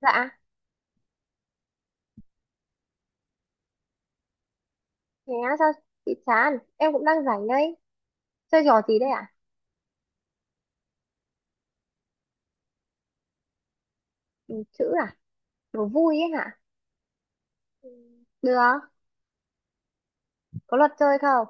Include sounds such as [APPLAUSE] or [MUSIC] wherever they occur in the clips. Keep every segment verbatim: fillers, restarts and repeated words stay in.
Dạ, thế á, sao chị chán? Em cũng đang rảnh đây. Chơi trò gì đấy ạ? Ừ, chữ à? Đố vui ấy hả? Ừ, được, có luật chơi không?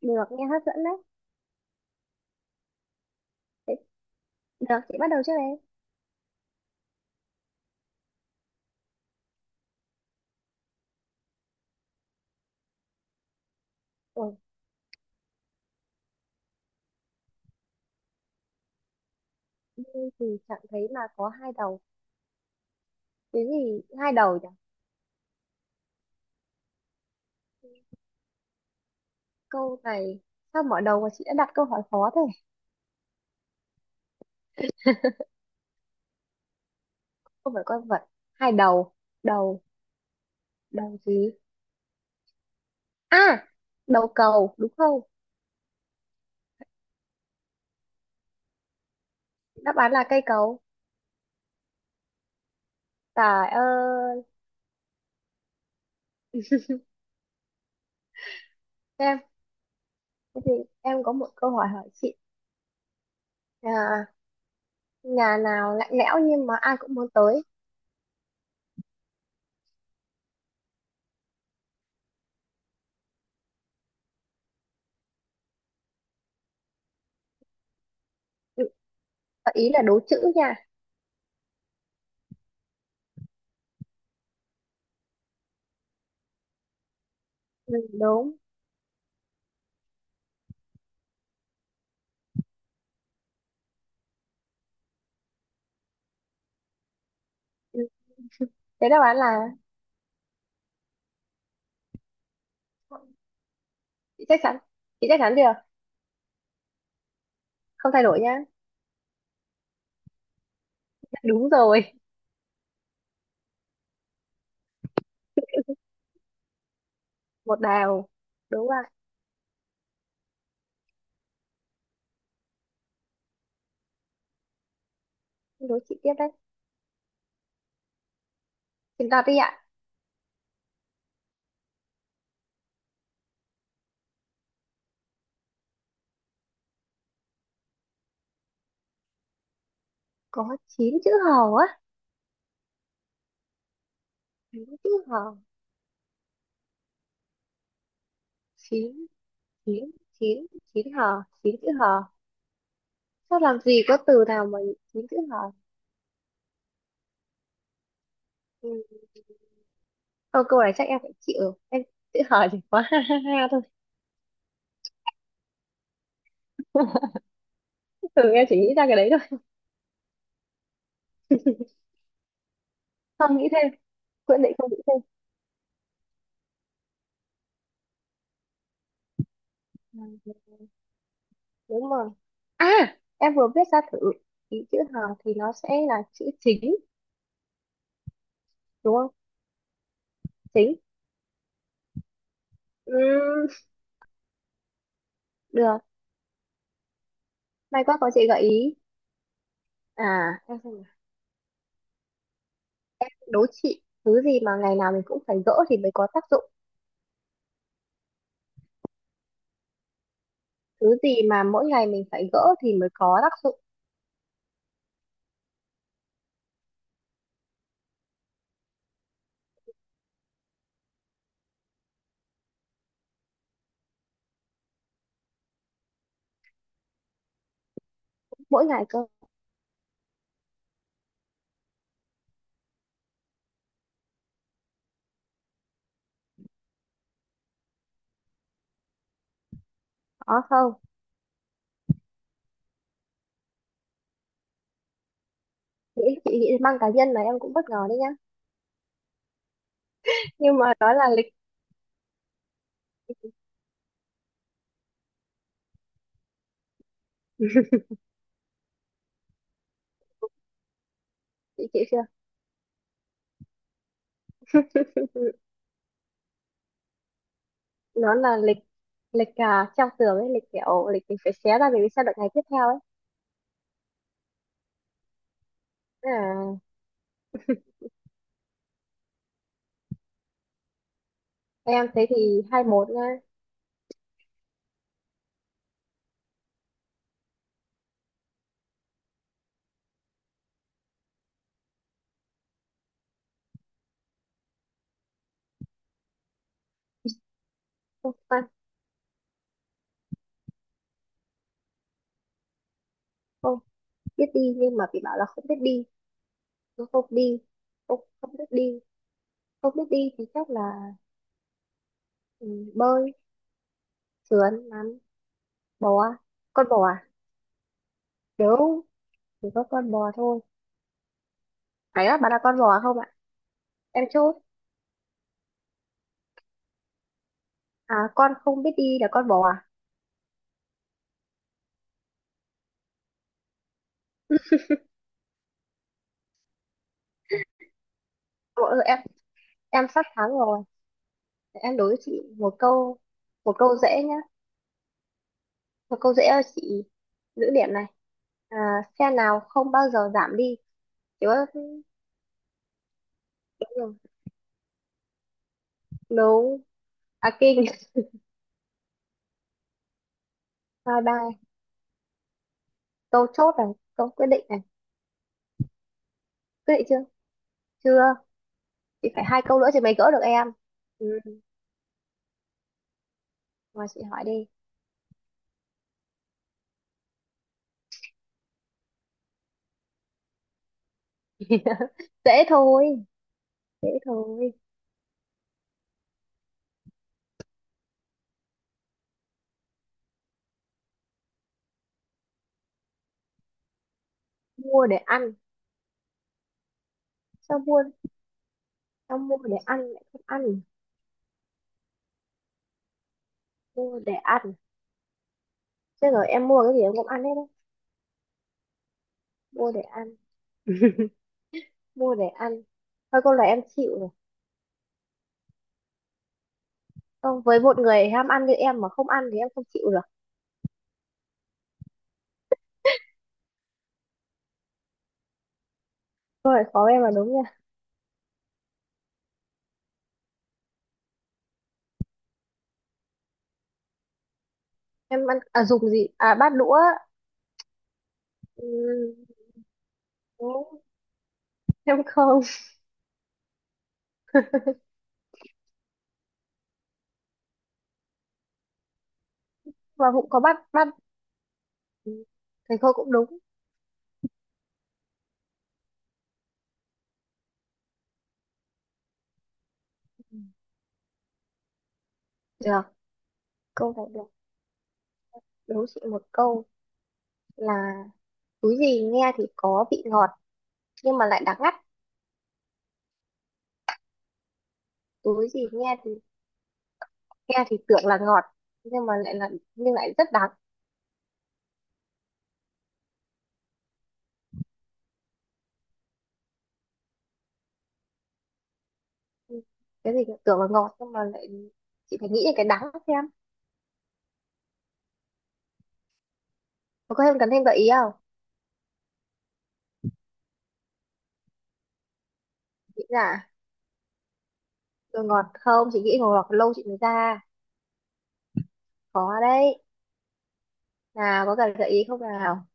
Được, nghe hấp dẫn đấy. Thế, được, chị bắt đầu trước đây. Ủa, vui thì chẳng thấy mà có hai đầu. Cái gì hai đầu nhỉ? Câu này, sao mở đầu mà chị đã đặt câu hỏi khó thế? Không phải con vật. Hai đầu, đầu, đầu gì? À, đầu cầu, đúng không? Đáp án là cây cầu. Trời ơi, em, thế thì em có một câu hỏi hỏi chị. À, nhà nào lạnh lẽo nhưng mà ai cũng muốn tới. Ừ, ý là đố chữ nha. Ừ, đúng. Ừ, thế đáp án là. chị chắc chắn chị chắc chắn chưa? Không thay đổi nhá. Đúng rồi, một đào, đúng rồi. Đố chị tiếp đấy, chúng ta đi ạ. Có chín chữ hò á? Chín chữ hò. Chín, chín, chín, chín hò, chín chữ hò. Sao làm gì có từ nào mà chín chữ hò. Ừ. câu câu này chắc em phải chịu, em chữ hò chỉ có [LAUGHS] ha ha ha thôi. [LAUGHS] Ừ, em chỉ nghĩ ra cái đấy thôi. Không nghĩ thêm, quyết định không nghĩ thêm. Ừ, đúng rồi. À, em vừa viết ra thử, ý chữ hàng thì nó sẽ là chữ chính, đúng không? Chính. Ừm, được. May quá có chị gợi ý. À em xem nào. Em đố chị thứ gì mà ngày nào mình cũng phải gỡ thì mới có tác dụng. Thứ gì mà mỗi ngày mình phải gỡ thì mới có tác dụng. Mỗi ngày cơ. Có không? Nghĩ chị nghĩ mang cá nhân là em cũng bất ngờ đấy nhá. Nhưng mà đó là lịch. [LAUGHS] Chị chịu chưa? [LAUGHS] Nó là lịch. Lịch à, treo tường ấy, lịch kiểu lịch mình phải xé ra mình mới xem được ngày tiếp theo ấy. À. Em thế thì hai một nha. Không, khoan, không biết đi nhưng mà bị bảo là không biết đi. Nó không đi. Không, không biết đi. Không biết đi thì chắc là ừ, bơi, sườn, lặn, bò. Con bò à? Nếu chỉ có con bò thôi. Phải á, bạn là con bò không ạ? Em chốt. À, con không biết đi là con bò à? Ủa, ừ, em em sắp thắng rồi. Để em đối với chị một câu, một câu dễ nhá. Một câu dễ cho chị giữ điểm này. À, xe nào không bao giờ giảm đi? Chứ đúng. Đúng. À, kinh. Bye bye. Câu chốt này, câu quyết định này. Quyết định chưa? Chưa. Chị phải hai câu nữa chị mới gỡ được em. Ừ, mà chị hỏi đi. [LAUGHS] Dễ thôi, dễ thôi. Mua để ăn. Sao mua? Sao mua để ăn lại không ăn? Mua để ăn. Chứ rồi em mua cái gì em cũng ăn hết đấy. Mua để ăn, [LAUGHS] mua để ăn. Thôi câu này em chịu rồi. Không, với một người ham ăn như em mà không ăn thì em không chịu được. Câu này khó em là đúng nha. Em ăn, à dùng gì? À bát đũa. Ừ, đúng. Em không. [LAUGHS] Và cũng có bắt bắt. Ừ, thầy cô cũng đúng. Được câu này, được, đố chị một câu là túi gì nghe thì có vị ngọt nhưng mà lại đắng ngắt. Túi gì nghe thì, nghe thì tưởng là ngọt nhưng mà lại là, nhưng lại rất đắng. Ừ, cái gì tưởng là ngọt nhưng mà lại, chị phải nghĩ đến cái đắng xem. Mà có em cần thêm gợi ý không? Nghĩ là, rồi ngọt không, chị nghĩ ngọt lâu chị mới ra. Có đấy. Nào, có cần gợi ý không nào?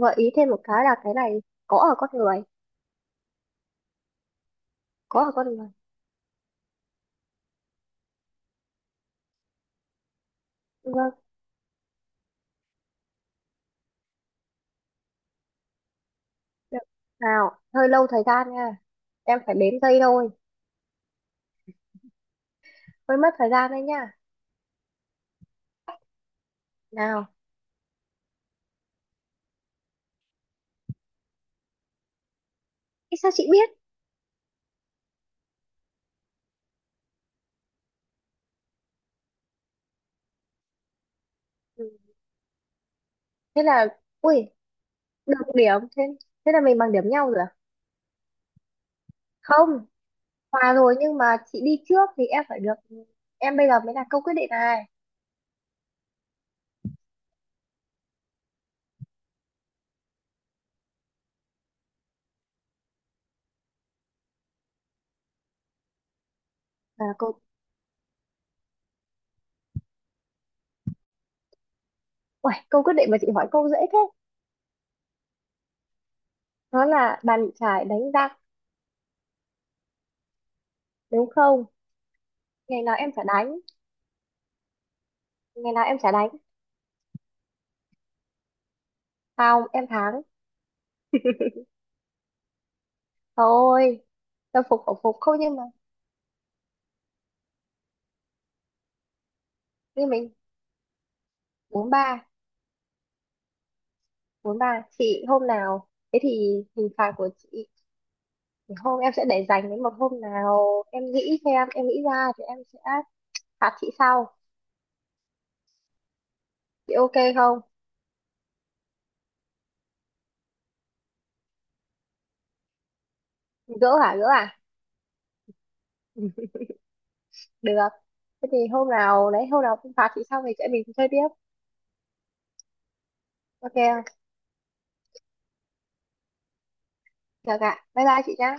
Gợi ý thêm một cái là cái này có ở con người. có ở con người vâng. Được. Nào, hơi lâu thời gian nha. Em phải đếm giây thôi. Hơi mất thời gian đấy nha. Nào. Ý sao chị biết? Ừ. Thế là, ui, được điểm. Thế, thế là mình bằng điểm nhau rồi à? Không, hòa rồi nhưng mà chị đi trước thì em phải được. Em bây giờ mới là câu quyết định này. À, câu, ui, câu quyết định mà chị hỏi câu dễ thế. Nó là bàn chải đánh giặc, đúng không? Ngày nào em chả đánh, ngày nào em chả đánh. Không, em thắng. Thôi, tâm phục khẩu phục không nhưng mà, nhưng mình bốn ba. Bốn ba chị hôm nào, thế thì hình phạt của chị thì hôm em sẽ để dành đến một hôm nào em nghĩ xem, em nghĩ ra thì em sẽ phạt chị sau. Chị ok không? Gỡ hả, gỡ à? [LAUGHS] Được, thế thì hôm nào đấy, hôm nào em phạt chị xong thì chị em mình chơi tiếp, ok không? Được ạ, bye bye chị nhá.